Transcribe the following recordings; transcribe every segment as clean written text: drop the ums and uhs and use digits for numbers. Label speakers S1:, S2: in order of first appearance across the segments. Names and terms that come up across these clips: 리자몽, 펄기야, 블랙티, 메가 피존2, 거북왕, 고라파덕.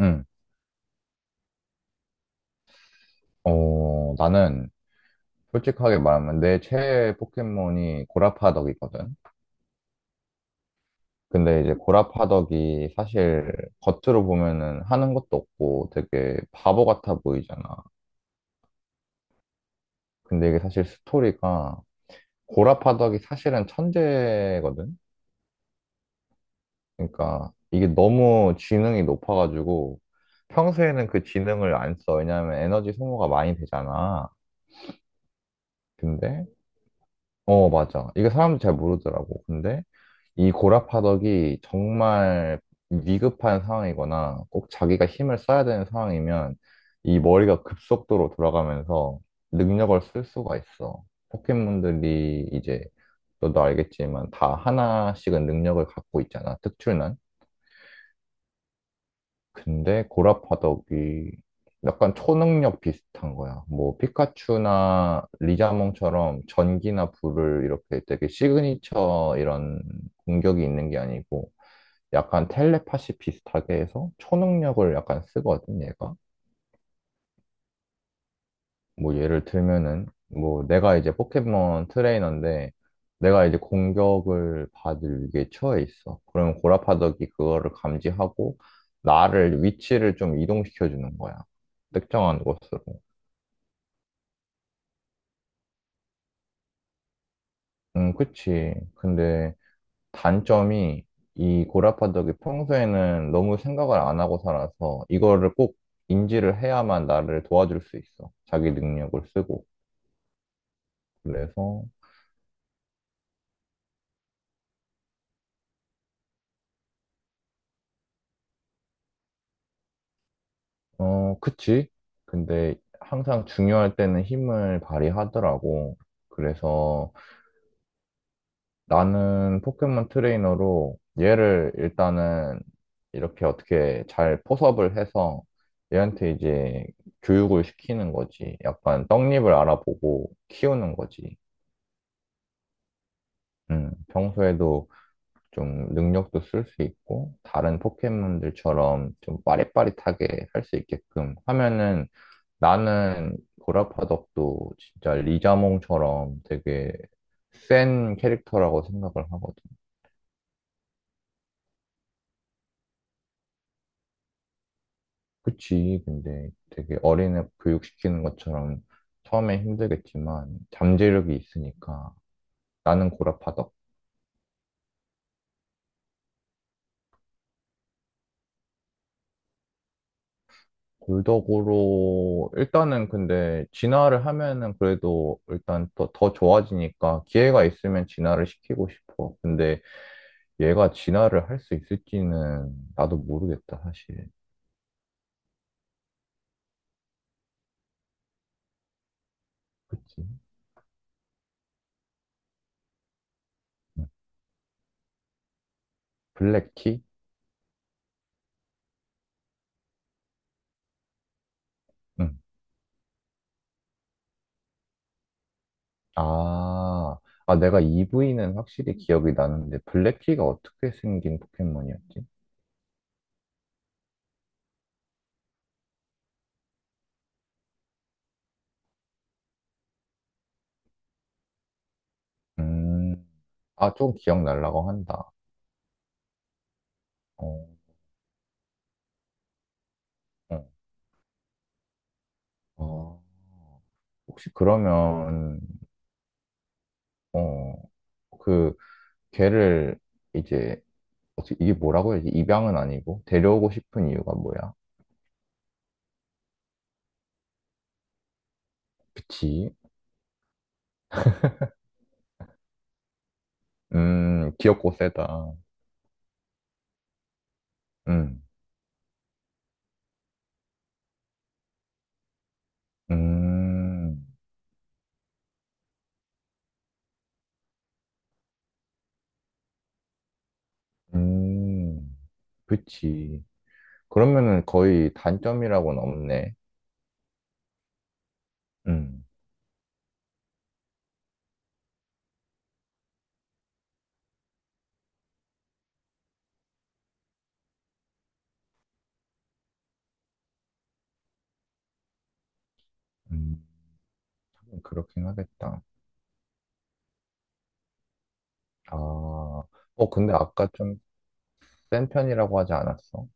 S1: 응. 나는 솔직하게 말하면 내 최애 포켓몬이 고라파덕이거든. 근데 이제 고라파덕이 사실 겉으로 보면은 하는 것도 없고 되게 바보 같아 보이잖아. 근데 이게 사실 스토리가 고라파덕이 사실은 천재거든. 그러니까 이게 너무 지능이 높아가지고 평소에는 그 지능을 안 써. 왜냐하면 에너지 소모가 많이 되잖아. 근데 어, 맞아. 이게 사람들 잘 모르더라고. 근데 이 고라파덕이 정말 위급한 상황이거나 꼭 자기가 힘을 써야 되는 상황이면 이 머리가 급속도로 돌아가면서 능력을 쓸 수가 있어. 포켓몬들이 이제 너도 알겠지만 다 하나씩은 능력을 갖고 있잖아. 특출난. 근데 고라파덕이 약간 초능력 비슷한 거야. 뭐 피카츄나 리자몽처럼 전기나 불을 이렇게 되게 시그니처 이런 공격이 있는 게 아니고 약간 텔레파시 비슷하게 해서 초능력을 약간 쓰거든, 얘가. 뭐 예를 들면은 뭐 내가 이제 포켓몬 트레이너인데 내가 이제 공격을 받을 위기에 처해 있어. 그러면 고라파덕이 그거를 감지하고 나를 위치를 좀 이동시켜 주는 거야. 특정한 곳으로. 그치. 근데 단점이 이 고라파덕이 평소에는 너무 생각을 안 하고 살아서 이거를 꼭 인지를 해야만 나를 도와줄 수 있어. 자기 능력을 쓰고. 그래서 어, 그치. 근데 항상 중요할 때는 힘을 발휘하더라고. 그래서 나는 포켓몬 트레이너로 얘를 일단은 이렇게 어떻게 잘 포섭을 해서 얘한테 이제 교육을 시키는 거지. 약간 떡잎을 알아보고 키우는 거지. 평소에도 좀 능력도 쓸 수 있고, 다른 포켓몬들처럼 좀 빠릿빠릿하게 할 수 있게끔 하면은 나는 고라파덕도 진짜 리자몽처럼 되게 센 캐릭터라고 생각을 하거든. 그치, 근데 되게 어린애 교육시키는 것처럼 처음에 힘들겠지만 잠재력이 있으니까 나는 고라파덕? 골덕으로 일단은 근데 진화를 하면은 그래도 일단 더 좋아지니까 기회가 있으면 진화를 시키고 싶어. 근데 얘가 진화를 할 수 있을지는 나도 모르겠다, 사실. 그치? 응. 블랙티? 응. 아, 아, 내가 이브이는 확실히 기억이 나는데, 블랙티가 어떻게 생긴 포켓몬이었지? 음, 아, 좀 기억날라고 한다. 어, 어, 어. 혹시 그러면, 어, 그, 걔를 이제, 어떻게, 이게 뭐라고 해야지? 입양은 아니고, 데려오고 싶은 이유가 뭐야? 그치? 귀엽고 세다. 음, 음, 음, 그치. 그러면은 거의 단점이라고는 없네. 음, 음, 그렇긴 하겠다. 아, 어, 근데 아까 좀 센 편이라고 하지 않았어?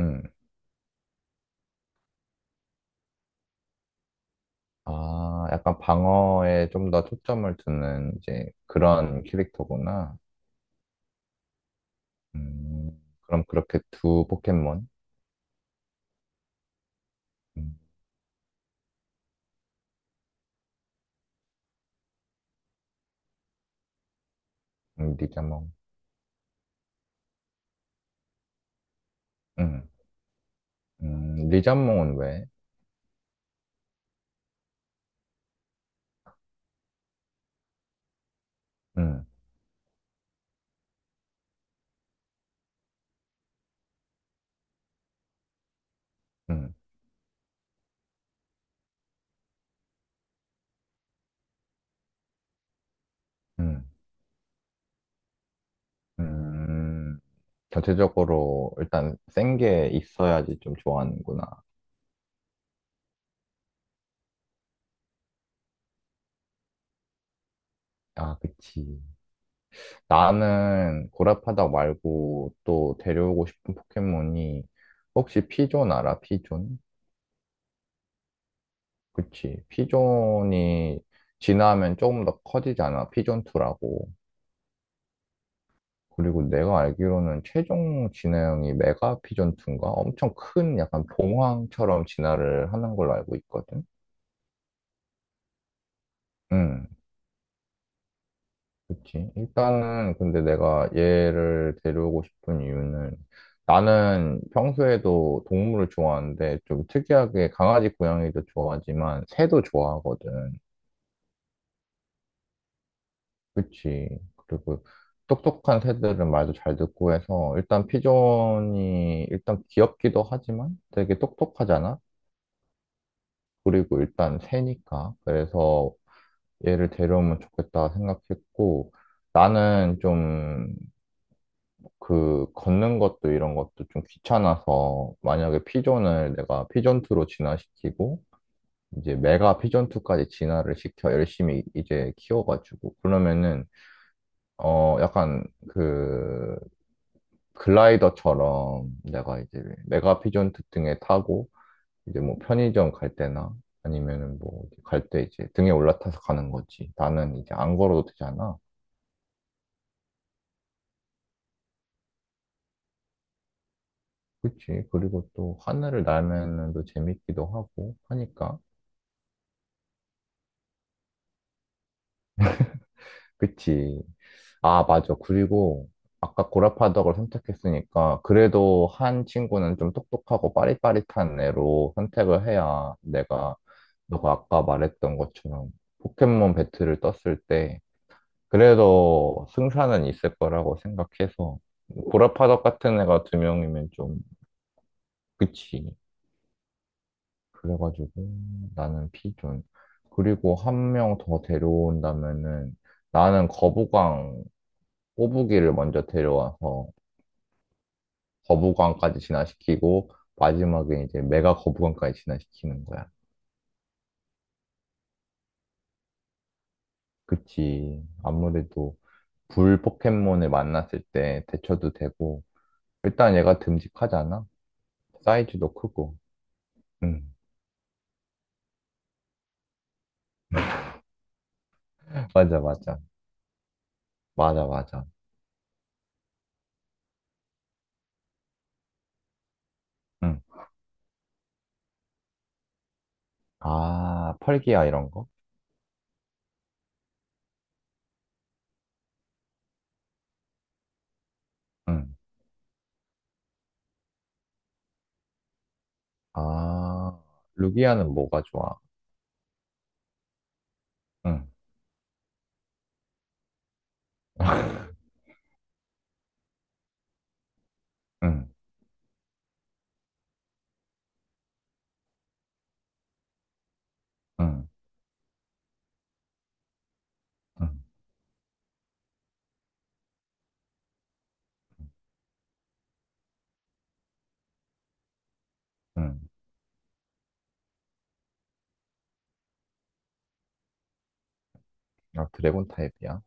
S1: 음, 아, 약간 방어에 좀 더 초점을 두는 이제 그런 캐릭터구나. 그럼 그렇게 두 포켓몬? 음, 리자몽. 음, 리자몽은 왜? 음, 음, 음, 음, 전체적으로 일단 센 게 있어야지 좀 좋아하는구나. 아, 그치. 나는 고라파덕 말고 또 데려오고 싶은 포켓몬이 혹시 피존 알아? 피존? 그치. 피존이 진화하면 조금 더 커지잖아. 피존2라고. 그리고 내가 알기로는 최종 진화형이 메가 피존2인가? 엄청 큰 약간 봉황처럼 진화를 하는 걸로 알고 있거든. 응. 그치. 일단은 근데 내가 얘를 데려오고 싶은 이유는 나는 평소에도 동물을 좋아하는데 좀 특이하게 강아지, 고양이도 좋아하지만 새도 좋아하거든. 그치. 그리고 똑똑한 새들은 말도 잘 듣고 해서 일단 피존이 일단 귀엽기도 하지만 되게 똑똑하잖아. 그리고 일단 새니까. 그래서 얘를 데려오면 좋겠다 생각했고 나는 좀 그 걷는 것도 이런 것도 좀 귀찮아서 만약에 피존을 내가 피존2로 진화시키고 이제 메가 피존2까지 진화를 시켜 열심히 이제 키워가지고 그러면은 어 약간 그 글라이더처럼 내가 이제 메가 피존2 등에 타고 이제 뭐 편의점 갈 때나 아니면은 뭐 갈 때 이제 등에 올라타서 가는 거지. 나는 이제 안 걸어도 되잖아. 그치. 그리고 또 하늘을 날면은 또 재밌기도 하고 하니까. 그치. 아, 맞아. 그리고 아까 고라파덕을 선택했으니까 그래도 한 친구는 좀 똑똑하고 빠릿빠릿한 애로 선택을 해야 내가 너가 아까 말했던 것처럼 포켓몬 배틀을 떴을 때 그래도 승산은 있을 거라고 생각해서 고라파덕 같은 애가 두 명이면 좀 그치. 그래가지고 나는 피존. 그리고 한 명 더 데려온다면은 나는 거북왕 꼬부기를 먼저 데려와서 거부감까지 진화시키고 마지막에 이제 메가 거부감까지 진화시키는 거야. 그치. 아무래도 불 포켓몬을 만났을 때 대처도 되고 일단 얘가 듬직하잖아. 사이즈도 크고. 응. 맞아 맞아. 맞아 맞아. 응. 아, 펄기야 이런 거? 응. 아, 루기아는 뭐가 좋아? 응. 응, 응, 응, 응. 아, 드래곤 타입이야?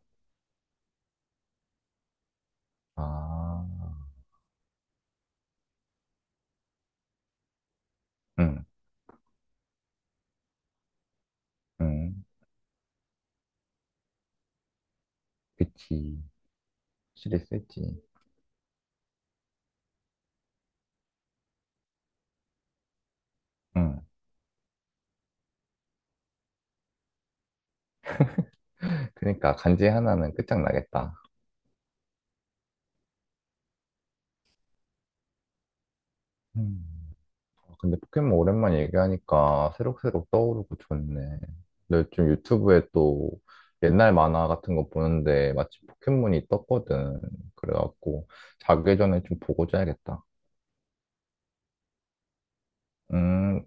S1: 아, 응, 응. 그치. 확실히 세지. 응. 그러니까 간지 하나는 끝장나겠다. 음. 아, 근데 포켓몬 오랜만에 얘기하니까 새록새록 떠오르고 좋네. 나 요즘 유튜브에 또 옛날 만화 같은 거 보는데 마침 포켓몬이 떴거든. 그래갖고 자기 전에 좀 보고 자야겠다. 음,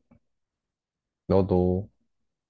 S1: 너도.